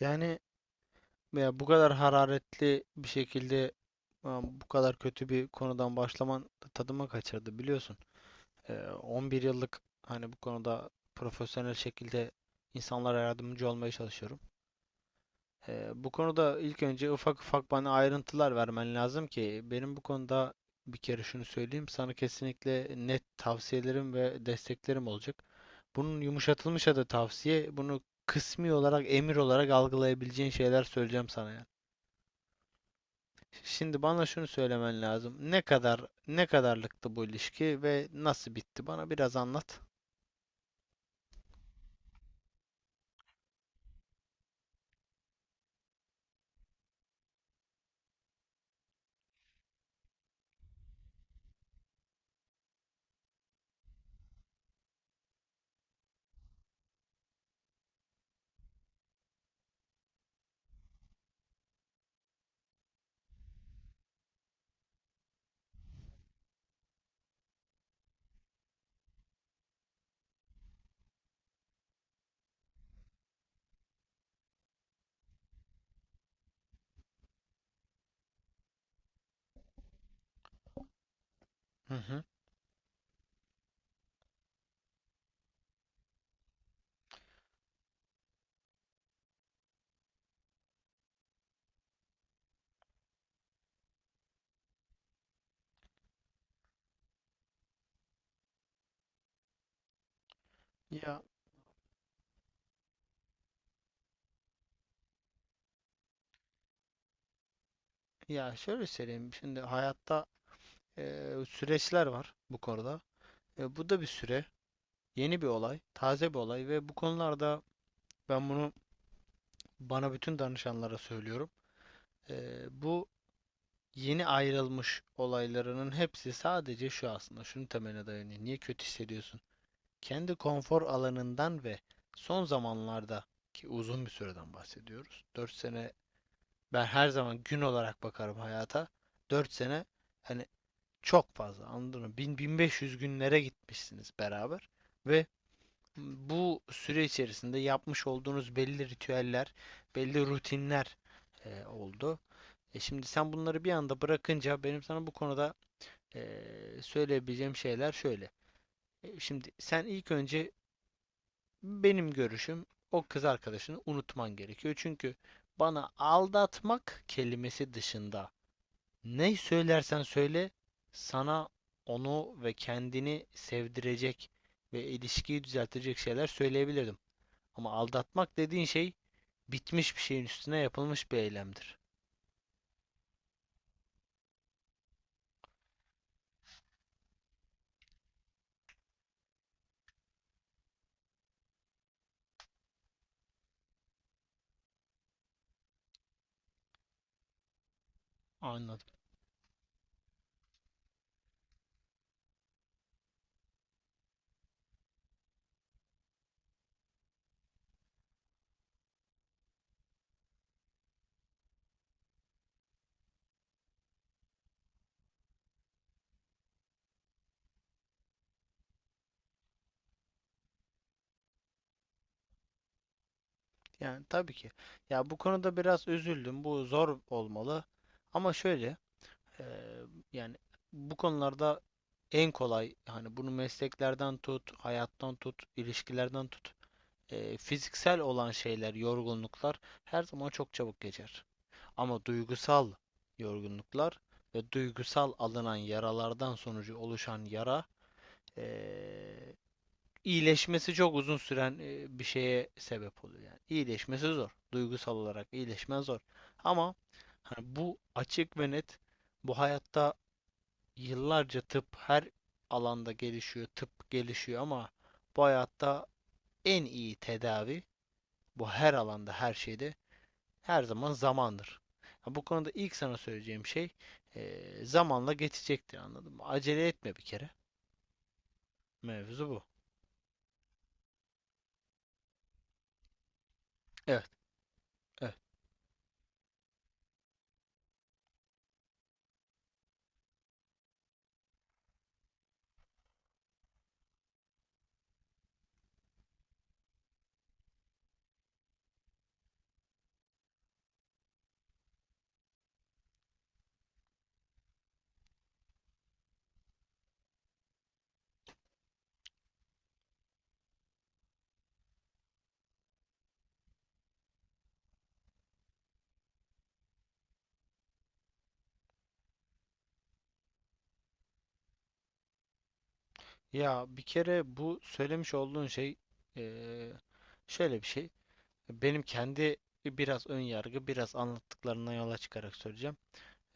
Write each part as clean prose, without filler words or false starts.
Yani veya bu kadar hararetli bir şekilde bu kadar kötü bir konudan başlaman tadıma kaçırdı biliyorsun. 11 yıllık hani bu konuda profesyonel şekilde insanlara yardımcı olmaya çalışıyorum. Bu konuda ilk önce ufak ufak bana ayrıntılar vermen lazım ki benim bu konuda bir kere şunu söyleyeyim. Sana kesinlikle net tavsiyelerim ve desteklerim olacak. Bunun yumuşatılmış adı tavsiye. Bunu kısmi olarak emir olarak algılayabileceğin şeyler söyleyeceğim sana yani. Şimdi bana şunu söylemen lazım. Ne kadar ne kadarlıktı bu ilişki ve nasıl bitti? Bana biraz anlat. Hı hı. Ya ya şöyle söyleyeyim. Şimdi hayatta süreçler var bu konuda. E, bu da bir süre, yeni bir olay, taze bir olay ve bu konularda ben bunu bana bütün danışanlara söylüyorum. Bu yeni ayrılmış olaylarının hepsi sadece şu aslında. Şunun temeline dayanıyor. Niye kötü hissediyorsun? Kendi konfor alanından ve son zamanlarda ki uzun bir süreden bahsediyoruz. Dört sene, ben her zaman gün olarak bakarım hayata. 4 sene hani çok fazla, anladın mı? 1.500 günlere gitmişsiniz beraber ve bu süre içerisinde yapmış olduğunuz belli ritüeller, belli rutinler oldu. E şimdi sen bunları bir anda bırakınca benim sana bu konuda e, söyleyebileceğim şeyler şöyle. Şimdi sen ilk önce, benim görüşüm, o kız arkadaşını unutman gerekiyor. Çünkü bana aldatmak kelimesi dışında ne söylersen söyle sana onu ve kendini sevdirecek ve ilişkiyi düzeltecek şeyler söyleyebilirdim. Ama aldatmak dediğin şey bitmiş bir şeyin üstüne yapılmış bir eylemdir. Anladım. Yani tabii ki. Ya bu konuda biraz üzüldüm. Bu zor olmalı. Ama şöyle Eee, Yani bu konularda en kolay hani bunu mesleklerden tut, hayattan tut, ilişkilerden tut. Fiziksel olan şeyler, yorgunluklar her zaman çok çabuk geçer. Ama duygusal yorgunluklar ve duygusal alınan yaralardan sonucu oluşan yara, eee, iyileşmesi çok uzun süren bir şeye sebep oluyor. Yani iyileşmesi zor. Duygusal olarak iyileşme zor. Ama hani bu açık ve net, bu hayatta yıllarca tıp her alanda gelişiyor, tıp gelişiyor ama bu hayatta en iyi tedavi, bu her alanda, her şeyde, her zaman zamandır. Ha, bu konuda ilk sana söyleyeceğim şey, zamanla geçecektir, anladın mı? Acele etme bir kere. Mevzu bu. Evet, evet. Ya bir kere bu söylemiş olduğun şey eee, şöyle bir şey. Benim kendi biraz ön yargı, biraz anlattıklarından yola çıkarak söyleyeceğim.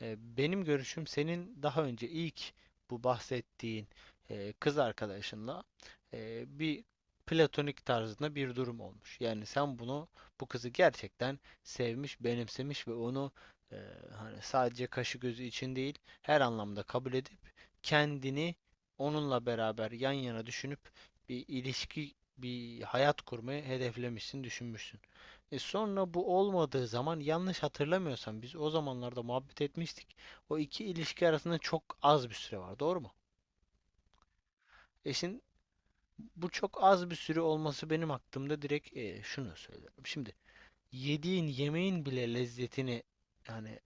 Benim görüşüm, senin daha önce ilk bu bahsettiğin kız arkadaşınla bir platonik tarzında bir durum olmuş. Yani sen bunu, bu kızı gerçekten sevmiş, benimsemiş ve onu e, hani sadece kaşı gözü için değil her anlamda kabul edip kendini onunla beraber yan yana düşünüp bir ilişki, bir hayat kurmayı hedeflemişsin, düşünmüşsün. E sonra bu olmadığı zaman, yanlış hatırlamıyorsam, biz o zamanlarda muhabbet etmiştik. O iki ilişki arasında çok az bir süre var, doğru mu? E şimdi bu çok az bir süre olması benim aklımda direkt şunu söylüyorum. Şimdi yediğin yemeğin bile lezzetini yani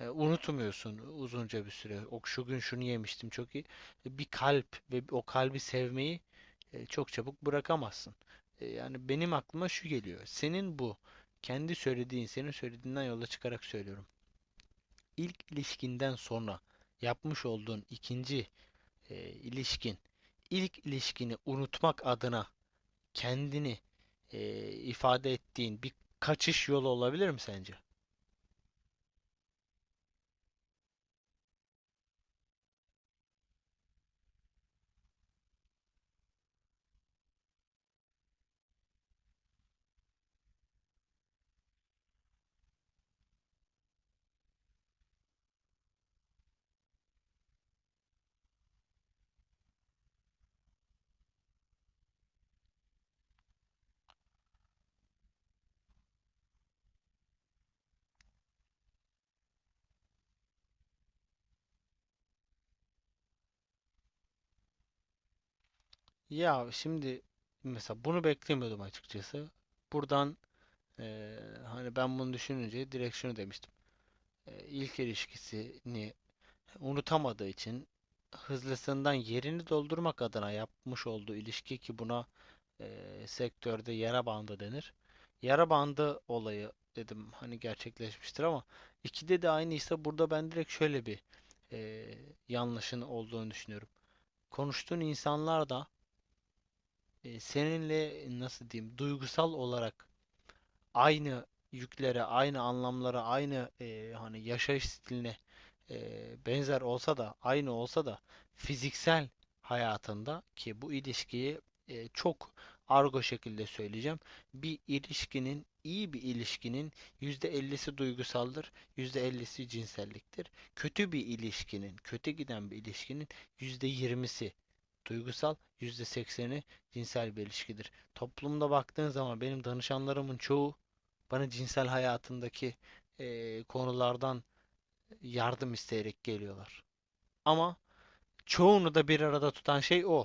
Unutmuyorsun uzunca bir süre. O şu gün şunu yemiştim, çok iyi. Bir kalp ve o kalbi sevmeyi çok çabuk bırakamazsın. Yani benim aklıma şu geliyor. Senin bu kendi söylediğin, senin söylediğinden yola çıkarak söylüyorum. İlk ilişkinden sonra yapmış olduğun ikinci ilişkin, ilk ilişkini unutmak adına kendini ifade ettiğin bir kaçış yolu olabilir mi sence? Ya şimdi mesela bunu beklemiyordum açıkçası. Buradan eee, hani ben bunu düşününce direkt şunu demiştim. İlk ilişkisini unutamadığı için hızlısından yerini doldurmak adına yapmış olduğu ilişki ki buna sektörde yara bandı denir. Yara bandı olayı dedim, hani gerçekleşmiştir ama ikide de aynıysa burada ben direkt şöyle bir eee yanlışın olduğunu düşünüyorum. Konuştuğun insanlar da seninle, nasıl diyeyim, duygusal olarak aynı yüklere, aynı anlamlara, aynı hani yaşayış stiline e, benzer olsa da, aynı olsa da fiziksel hayatında ki bu ilişkiyi çok argo şekilde söyleyeceğim. Bir ilişkinin, iyi bir ilişkinin %50'si duygusaldır, %50'si cinselliktir. Kötü bir ilişkinin, kötü giden bir ilişkinin %20'si duygusal, %80'i cinsel bir ilişkidir. Toplumda baktığın zaman benim danışanlarımın çoğu bana cinsel hayatındaki konulardan yardım isteyerek geliyorlar. Ama çoğunu da bir arada tutan şey o.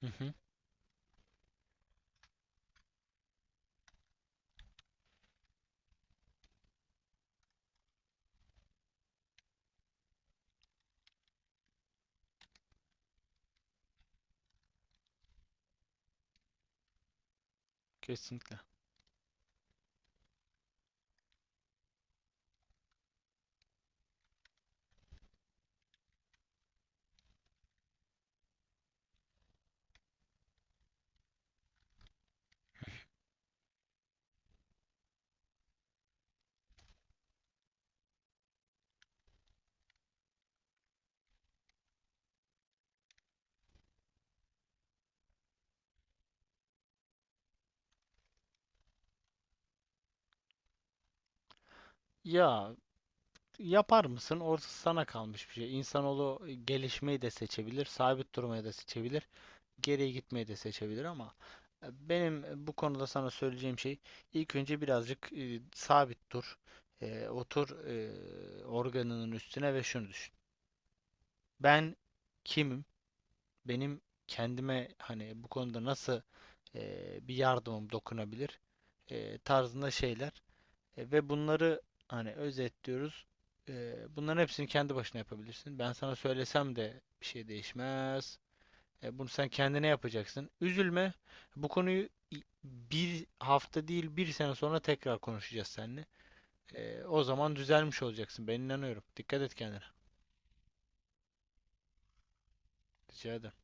Hı hı, kesinlikle. Ya yapar mısın? Orası sana kalmış bir şey. İnsanoğlu gelişmeyi de seçebilir, sabit durmayı da seçebilir, geriye gitmeyi de seçebilir ama benim bu konuda sana söyleyeceğim şey, ilk önce birazcık sabit dur. Otur organının üstüne ve şunu düşün. Ben kimim? Benim kendime hani bu konuda nasıl bir yardımım dokunabilir tarzında şeyler. Ve bunları hani özetliyoruz. Bunların hepsini kendi başına yapabilirsin. Ben sana söylesem de bir şey değişmez. Bunu sen kendine yapacaksın. Üzülme. Bu konuyu bir hafta değil bir sene sonra tekrar konuşacağız seninle. O zaman düzelmiş olacaksın. Ben inanıyorum. Dikkat et kendine. Rica ederim.